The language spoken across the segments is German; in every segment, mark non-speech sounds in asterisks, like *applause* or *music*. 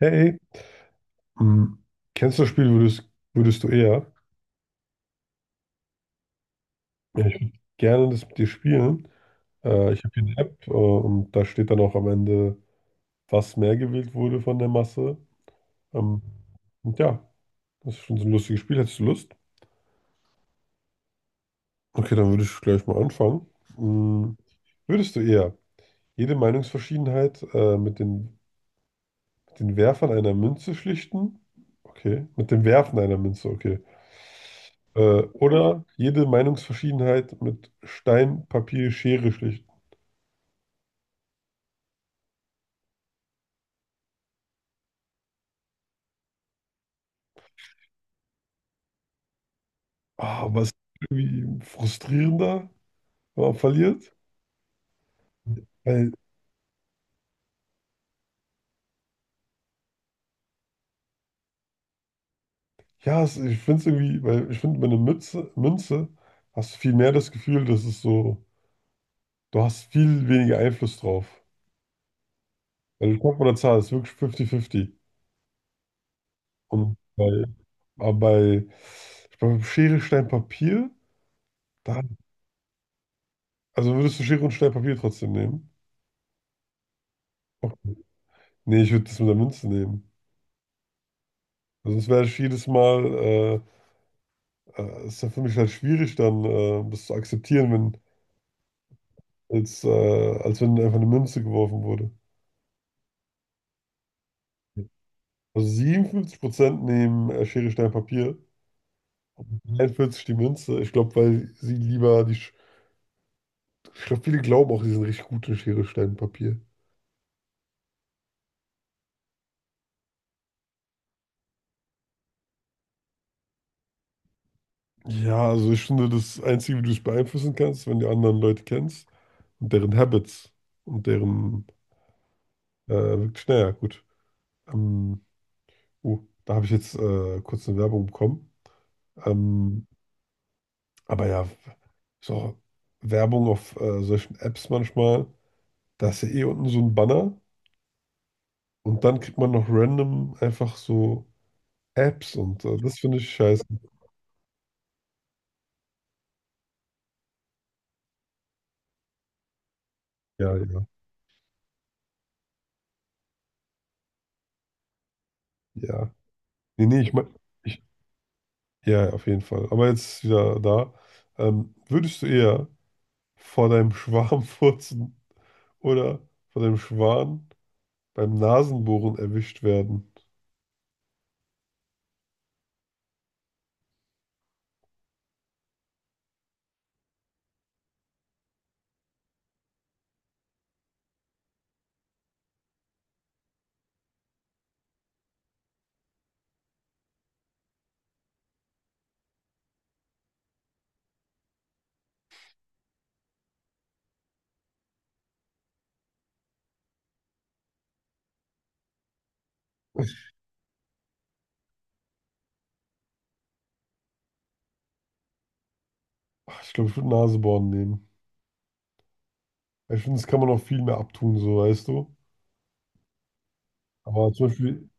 Hey, hm, kennst du das Spiel, würdest du eher? Ja, ich würde gerne das mit dir spielen. Ich habe hier eine App, und da steht dann auch am Ende, was mehr gewählt wurde von der Masse. Ähm, und ja, das ist schon so ein lustiges Spiel. Hättest du Lust? Okay, dann würde ich gleich mal anfangen. Hm, würdest du eher jede Meinungsverschiedenheit mit den Werfern einer Münze schlichten? Okay, mit dem Werfen einer Münze, okay. Oder jede Meinungsverschiedenheit mit Stein, Papier, Schere schlichten. Ah, was irgendwie frustrierender, wenn man verliert. Weil, ja, es, ich finde es irgendwie, weil ich finde, mit einer Mütze, Münze hast du viel mehr das Gefühl, dass es so, du hast viel weniger Einfluss drauf. Weil du kommst mit einer Zahl, es ist wirklich 50-50. Und bei, aber bei, ich glaube, Schere, Stein, Papier, da, also würdest du Schere und Stein, Papier trotzdem nehmen? Okay. Nee, ich würde das mit der Münze nehmen. Also es wäre halt jedes Mal, ist ja für mich halt schwierig dann, das zu akzeptieren, wenn, als wenn einfach eine Münze geworfen wurde. Also 57% nehmen Schere, Stein, Papier, 41 die Münze. Ich glaube, weil sie lieber die, Sch- ich glaube, viele glauben auch, sie sind richtig gut in Schere, Stein, Papier. Ja, also ich finde, das Einzige, wie du es beeinflussen kannst, wenn du anderen Leute kennst und deren Habits und deren, wirklich, naja, gut. Ähm, oh, da habe ich jetzt kurz eine Werbung bekommen. Ähm, aber ja, so Werbung auf solchen Apps manchmal, da ist ja eh unten so ein Banner und dann kriegt man noch random einfach so Apps und das finde ich scheiße. Ja, ja, ja. Nee, nee, ich meine, ich, ja, ja, auf jeden Fall. Aber jetzt wieder da. Würdest du eher vor deinem Schwarm *laughs* furzen oder vor deinem Schwan beim Nasenbohren erwischt werden? Ach, ich glaube, ich würde Nasebohren nehmen. Ich finde, das kann man auch viel mehr abtun, so weißt du. Aber zum Beispiel,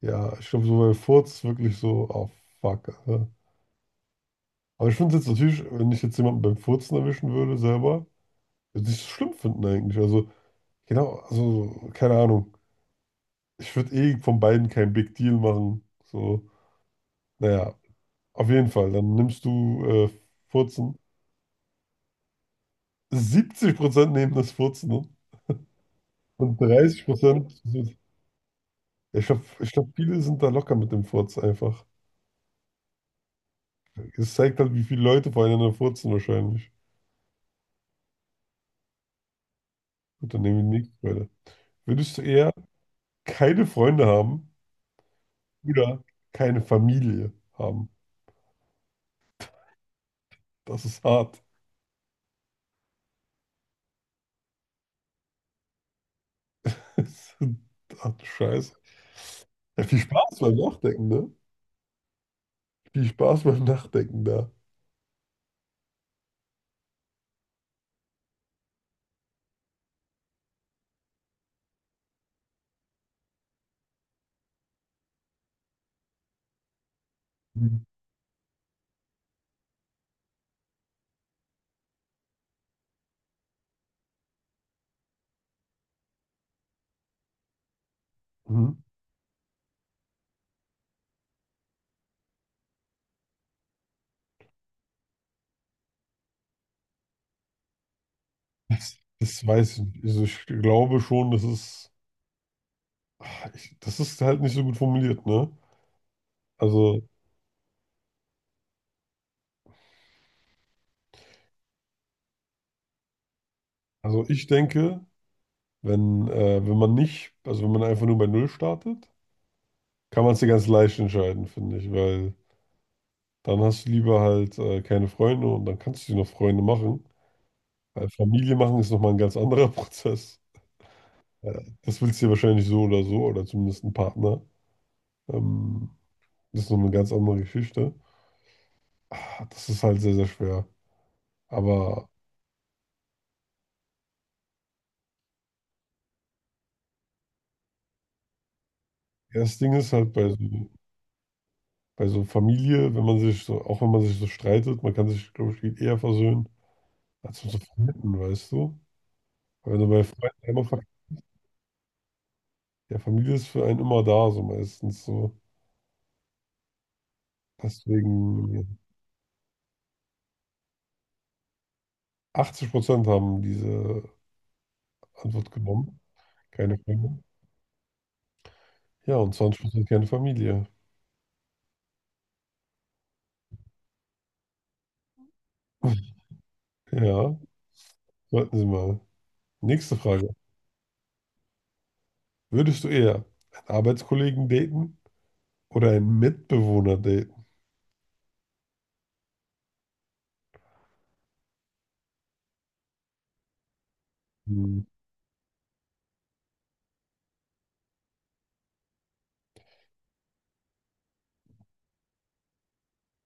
Ja, ich glaube, so beim Furz wirklich so, oh fuck. Alter. Aber ich finde es jetzt natürlich, wenn ich jetzt jemanden beim Furzen erwischen würde, selber, würde ich es schlimm finden eigentlich. Also, genau, also, keine Ahnung. Ich würde eh von beiden kein Big Deal machen. So, naja, auf jeden Fall. Dann nimmst du Furzen. 70% nehmen das Furzen, ne? Und 30%. Ich glaube, viele sind da locker mit dem Furz einfach. Es zeigt halt, wie viele Leute voreinander furzen wahrscheinlich. Gut, dann nehmen wir die nächste Frage. Würdest du eher keine Freunde haben oder keine Familie haben? Das ist hart. *laughs* Ach du Scheiße. Ja, viel Spaß beim Nachdenken, ne? Viel Spaß beim Nachdenken da. Mhm. Das weiß ich nicht. Also ich glaube schon, das ist, ach, ich, das ist halt nicht so gut formuliert, ne? Also, also ich denke, wenn man nicht, also wenn man einfach nur bei Null startet, kann man es dir ganz leicht entscheiden, finde ich, weil dann hast du lieber halt keine Freunde und dann kannst du dir noch Freunde machen. Weil Familie machen ist nochmal ein ganz anderer *laughs* Prozess. Ja, das willst du ja wahrscheinlich so oder so, oder zumindest ein Partner. Ähm, Das ist noch eine ganz andere Geschichte. Ah, das ist halt sehr, sehr schwer. Aber ja, das Ding ist halt bei so Familie, wenn man sich so, auch wenn man sich so streitet, man kann sich, glaube ich, viel eher versöhnen, als mit so Freunden, weißt du? Weil wenn du bei Freunden einmal verkackst, ja, Familie ist für einen immer da, so meistens so. Deswegen 80% haben diese Antwort genommen. Keine Freunde. Ja, und 20% gerne Familie. Ja, warten Sie mal. Nächste Frage. Würdest du eher einen Arbeitskollegen daten oder einen Mitbewohner daten? Hm.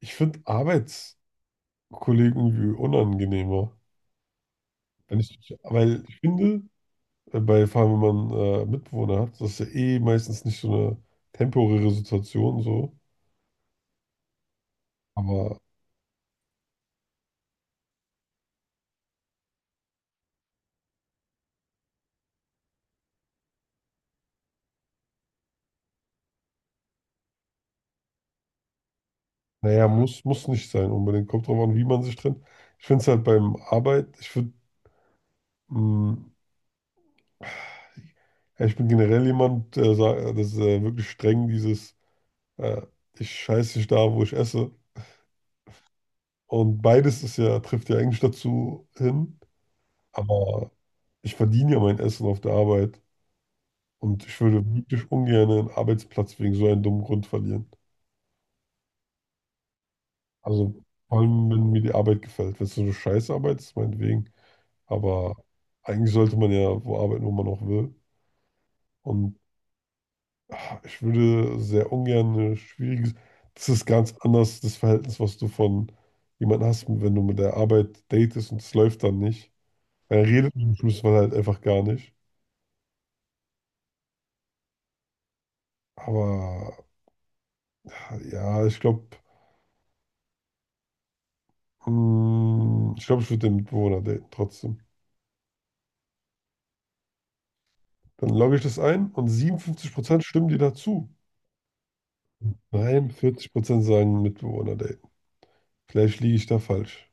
Ich finde Arbeitskollegen irgendwie unangenehmer. Wenn ich, weil ich finde, bei, vor allem wenn man Mitbewohner hat, das ist ja eh meistens nicht so eine temporäre Situation so. Aber naja, muss nicht sein unbedingt. Kommt drauf an, wie man sich trennt. Ich finde es halt beim Arbeit, ich würde. Ja, ich bin generell jemand, der sagt, das ist wirklich streng, dieses äh, ich scheiße nicht da, wo ich esse. Und beides ist ja, trifft ja eigentlich dazu hin. Aber ich verdiene ja mein Essen auf der Arbeit. Und ich würde wirklich ungern einen Arbeitsplatz wegen so einem dummen Grund verlieren. Also vor allem, wenn mir die Arbeit gefällt. Wenn es so eine Scheißarbeit ist, meinetwegen. Aber eigentlich sollte man ja wo arbeiten, wo man auch will. Und ich würde sehr ungern eine schwierige. Das ist ganz anders, das Verhältnis, was du von jemandem hast, wenn du mit der Arbeit datest und es läuft dann nicht. Dann redet man im Schluss man halt einfach gar nicht. Aber ja, ich glaube, ich würde den Mitbewohner daten trotzdem. Dann logge ich das ein und 57% stimmen dir dazu. Nein, 40% sagen Mitbewohner daten. Vielleicht liege ich da falsch.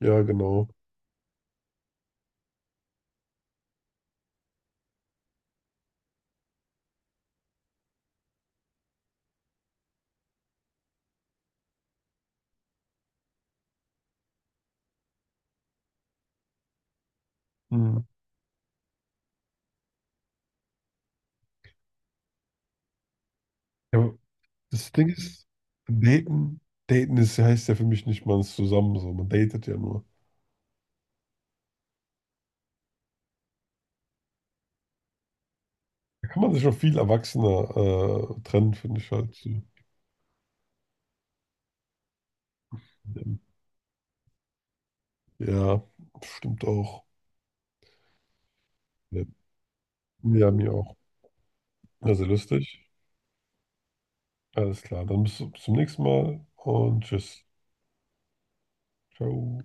Ja, genau. Hm. Ja, das Ding ist, daten, daten ist, heißt ja für mich nicht, man ist zusammen so, man datet ja nur. Da kann man sich auch viel erwachsener trennen, finde ich halt, so. Ja, stimmt auch. Ja, ja, mir auch. Also lustig. Alles klar, dann bis zum nächsten Mal und tschüss. Ciao.